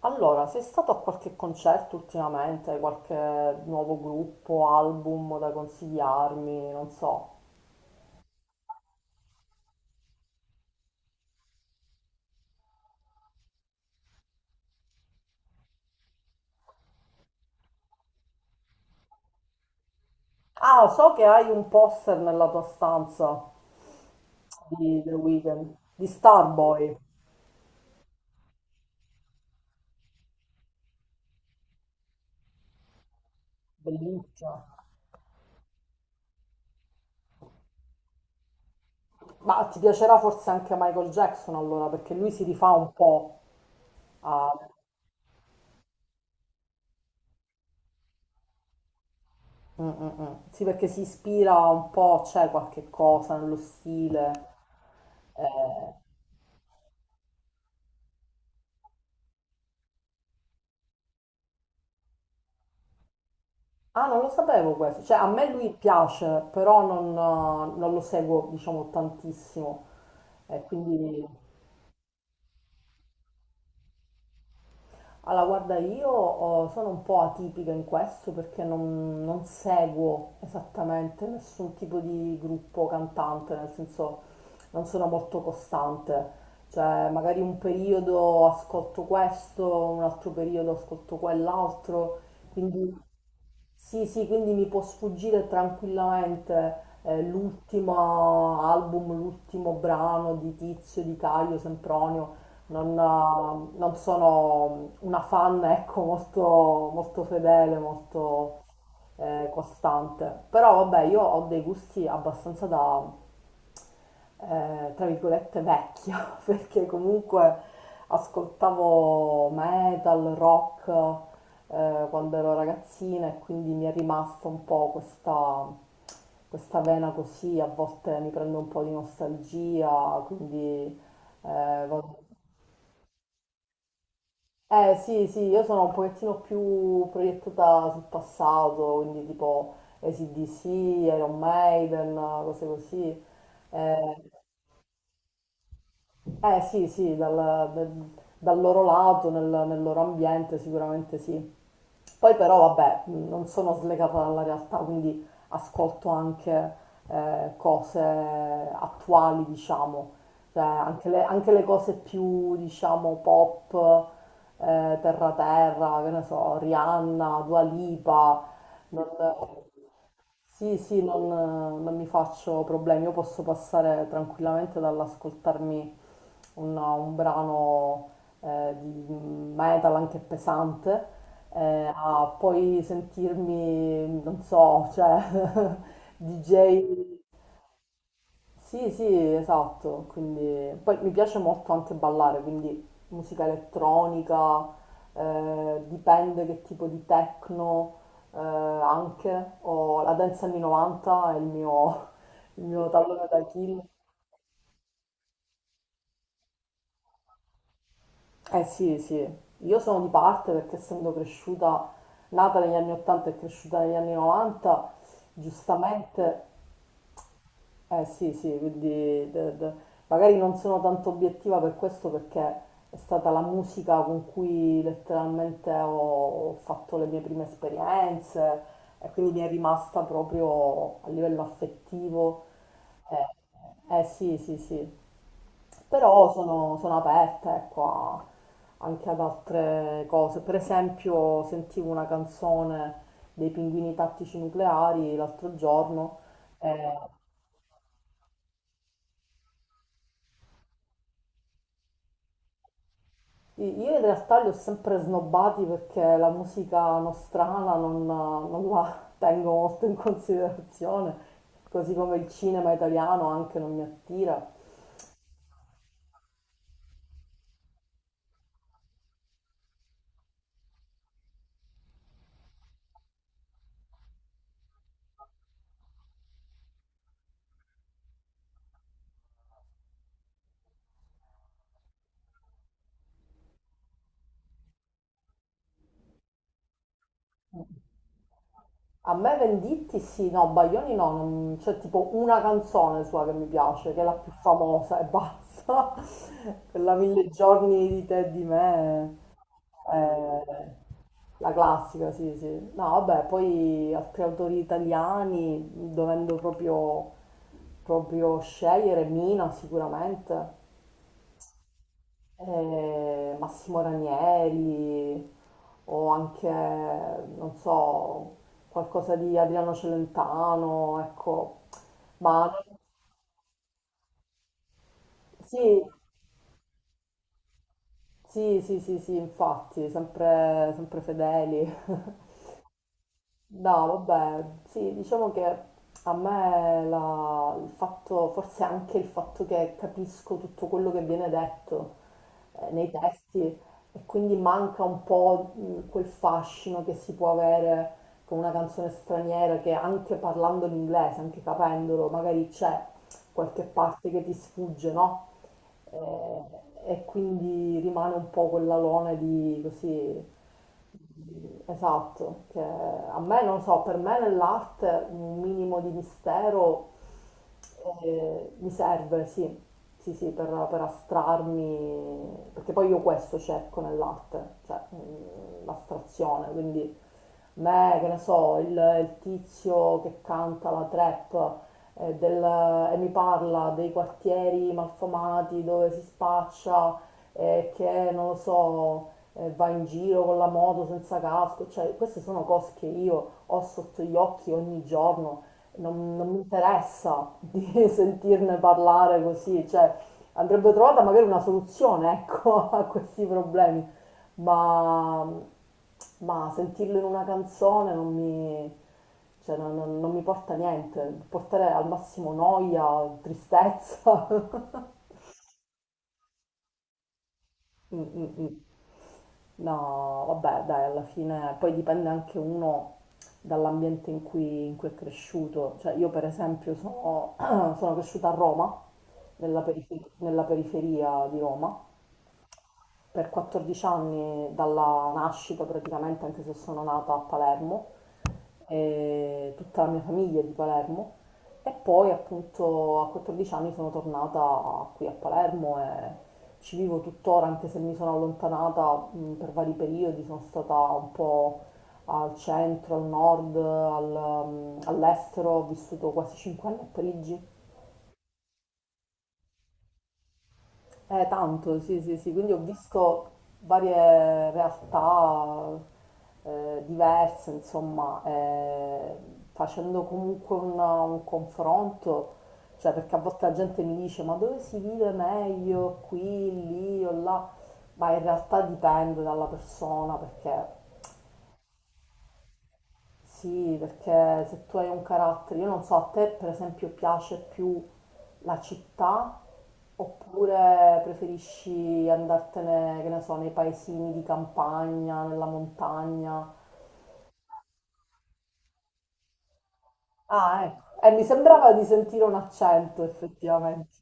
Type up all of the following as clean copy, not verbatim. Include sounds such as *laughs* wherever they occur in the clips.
Allora, sei stato a qualche concerto ultimamente, qualche nuovo gruppo, album da consigliarmi, non so. Ah, so che hai un poster nella tua stanza di The Weeknd, di Starboy, bellissimo. Ma ti piacerà forse anche Michael Jackson allora, perché lui si rifà un po' a... Mm, mm, mm. Sì, perché si ispira un po', c'è qualche cosa nello stile. Eh. Ah, non lo sapevo questo. Cioè, a me lui piace, però non lo seguo, diciamo, tantissimo. E quindi, allora, guarda, io oh, sono un po' atipica in questo perché non seguo esattamente nessun tipo di gruppo cantante, nel senso non sono molto costante. Cioè, magari un periodo ascolto questo, un altro periodo ascolto quell'altro. Sì, sì, quindi mi può sfuggire tranquillamente l'ultimo album, l'ultimo brano di Tizio, di Caio, Sempronio. Non sono una fan, ecco, molto, molto fedele, molto costante. Però vabbè, io ho dei gusti abbastanza da, tra virgolette, vecchia, *laughs* perché comunque ascoltavo metal, rock quando ero ragazzina e quindi mi è rimasta un po' questa vena così, a volte mi prende un po' di nostalgia, quindi... Eh, vado- sì, sì, io sono un pochettino più proiettata sul passato, quindi tipo AC/DC, Iron Maiden, cose così. Eh, Eh sì, sì, dal- dal loro lato, nel loro ambiente sicuramente sì. Poi però vabbè, non sono slegata dalla realtà, quindi ascolto anche cose attuali, diciamo, cioè anche le cose più, diciamo, pop, terra terra, che ne so, Rihanna, Dua Lipa, non- sì, sì, non mi faccio problemi, io posso passare tranquillamente dall'ascoltarmi un brano di metal anche pesante a poi sentirmi, non so, cioè *laughs* DJ sì, sì, esatto, quindi poi mi piace molto anche ballare, quindi musica elettronica, dipende che tipo di techno anche, o la dance anni 90 è il mio tallone d'Achille. Eh sì, sì, io sono di parte perché essendo cresciuta, nata negli anni 80 e cresciuta negli anni 90, giustamente. Eh sì, sì, quindi de- de- magari non sono tanto obiettiva per questo perché è stata la musica con cui letteralmente ho fatto le mie prime esperienze e quindi mi è rimasta proprio a livello affettivo. Eh sì, sì, sì, però sono aperta, ecco, anche ad altre cose. Per esempio, sentivo una canzone dei Pinguini Tattici Nucleari l'altro giorno. eh, Io in realtà li ho sempre snobbati perché la musica nostrana non la *laughs* tengo molto in considerazione, così come il cinema italiano anche non mi attira. A me Venditti sì, no, Baglioni no, c'è tipo una canzone sua che mi piace, che è la più famosa e basta. *laughs* Quella Mille giorni di te e di me. Eh, la classica, sì, sì. No, vabbè, poi altri autori italiani, dovendo proprio, proprio scegliere, Mina sicuramente, Massimo Ranieri, o anche, non so, qualcosa di Adriano Celentano, ecco. Ma sì, sì, sì, sì, sì, infatti, sempre sempre fedeli. *laughs* No, vabbè, sì, diciamo che a me il fatto, forse anche il fatto che capisco tutto quello che viene detto nei testi e quindi manca un po' quel fascino che si può avere con una canzone straniera che anche parlando l'inglese, anche capendolo, magari c'è qualche parte che ti sfugge, no? eh, e quindi rimane un po' quella lona di così, esatto, che a me, non so, per me nell'arte un minimo di mistero mi serve, sì, sì, sì, per astrarmi, perché poi io questo cerco nell'arte, cioè l'astrazione, quindi me, che ne so, il tizio che canta la trap eh, del- e mi parla dei quartieri malfamati dove si spaccia e che, non lo so, va in giro con la moto senza casco, cioè queste sono cose che io ho sotto gli occhi ogni giorno, non mi interessa di *laughs* sentirne parlare così, cioè andrebbe trovata magari una soluzione, ecco, *laughs* a questi problemi. Ma, ma sentirlo in una canzone non mi, cioè, non mi porta niente, può portare al massimo noia, tristezza. *laughs* Mm, mm, mm. No, vabbè, dai, alla fine poi dipende anche uno dall'ambiente in cui è cresciuto. Cioè, io per esempio sono, *clears throat* sono cresciuta a Roma, nella nella periferia di Roma. Per 14 anni dalla nascita praticamente, anche se sono nata a Palermo, e tutta la mia famiglia è di Palermo e poi appunto a 14 anni sono tornata qui a Palermo e ci vivo tuttora, anche se mi sono allontanata per vari periodi, sono stata un po' al centro, al nord, all'estero, ho vissuto quasi 5 anni a Parigi. Tanto, sì, sì, sì, quindi ho visto varie realtà diverse, insomma, facendo comunque un confronto, cioè perché a volte la gente mi dice ma dove si vive meglio, qui, lì o là, ma in realtà dipende dalla persona perché sì, perché se tu hai un carattere, io non so, a te per esempio piace più la città oppure preferisci andartene, che ne so, nei paesini di campagna, nella montagna? Ah, ecco. Mi sembrava di sentire un accento effettivamente.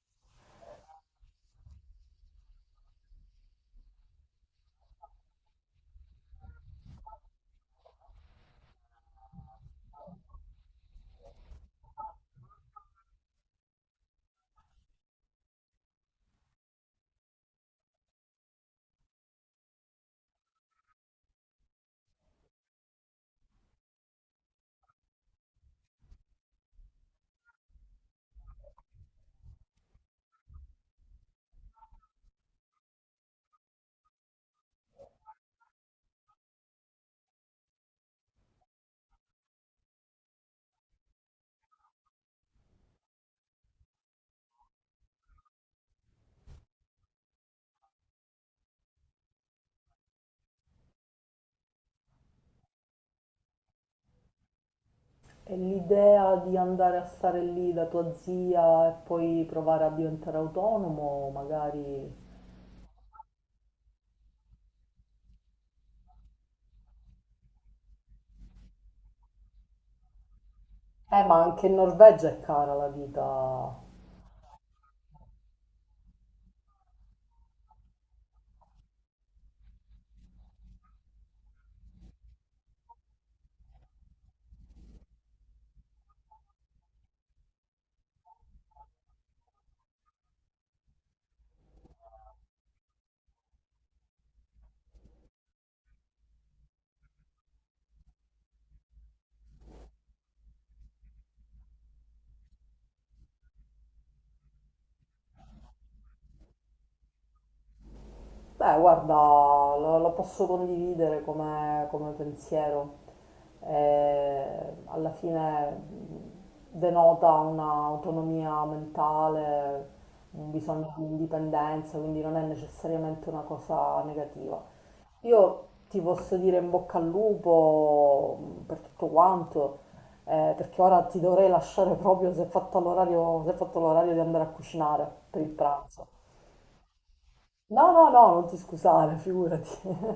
E l'idea di andare a stare lì da tua zia e poi provare a diventare autonomo, magari... ma anche in Norvegia è cara la vita. Beh, guarda, lo posso condividere come pensiero. Alla fine denota un'autonomia mentale, un bisogno di indipendenza, quindi non è necessariamente una cosa negativa. Io ti posso dire in bocca al lupo per tutto quanto, perché ora ti dovrei lasciare proprio se è fatto l'orario, se è fatto l'orario di andare a cucinare per il pranzo. No, no, no, non ti scusare, figurati. *laughs*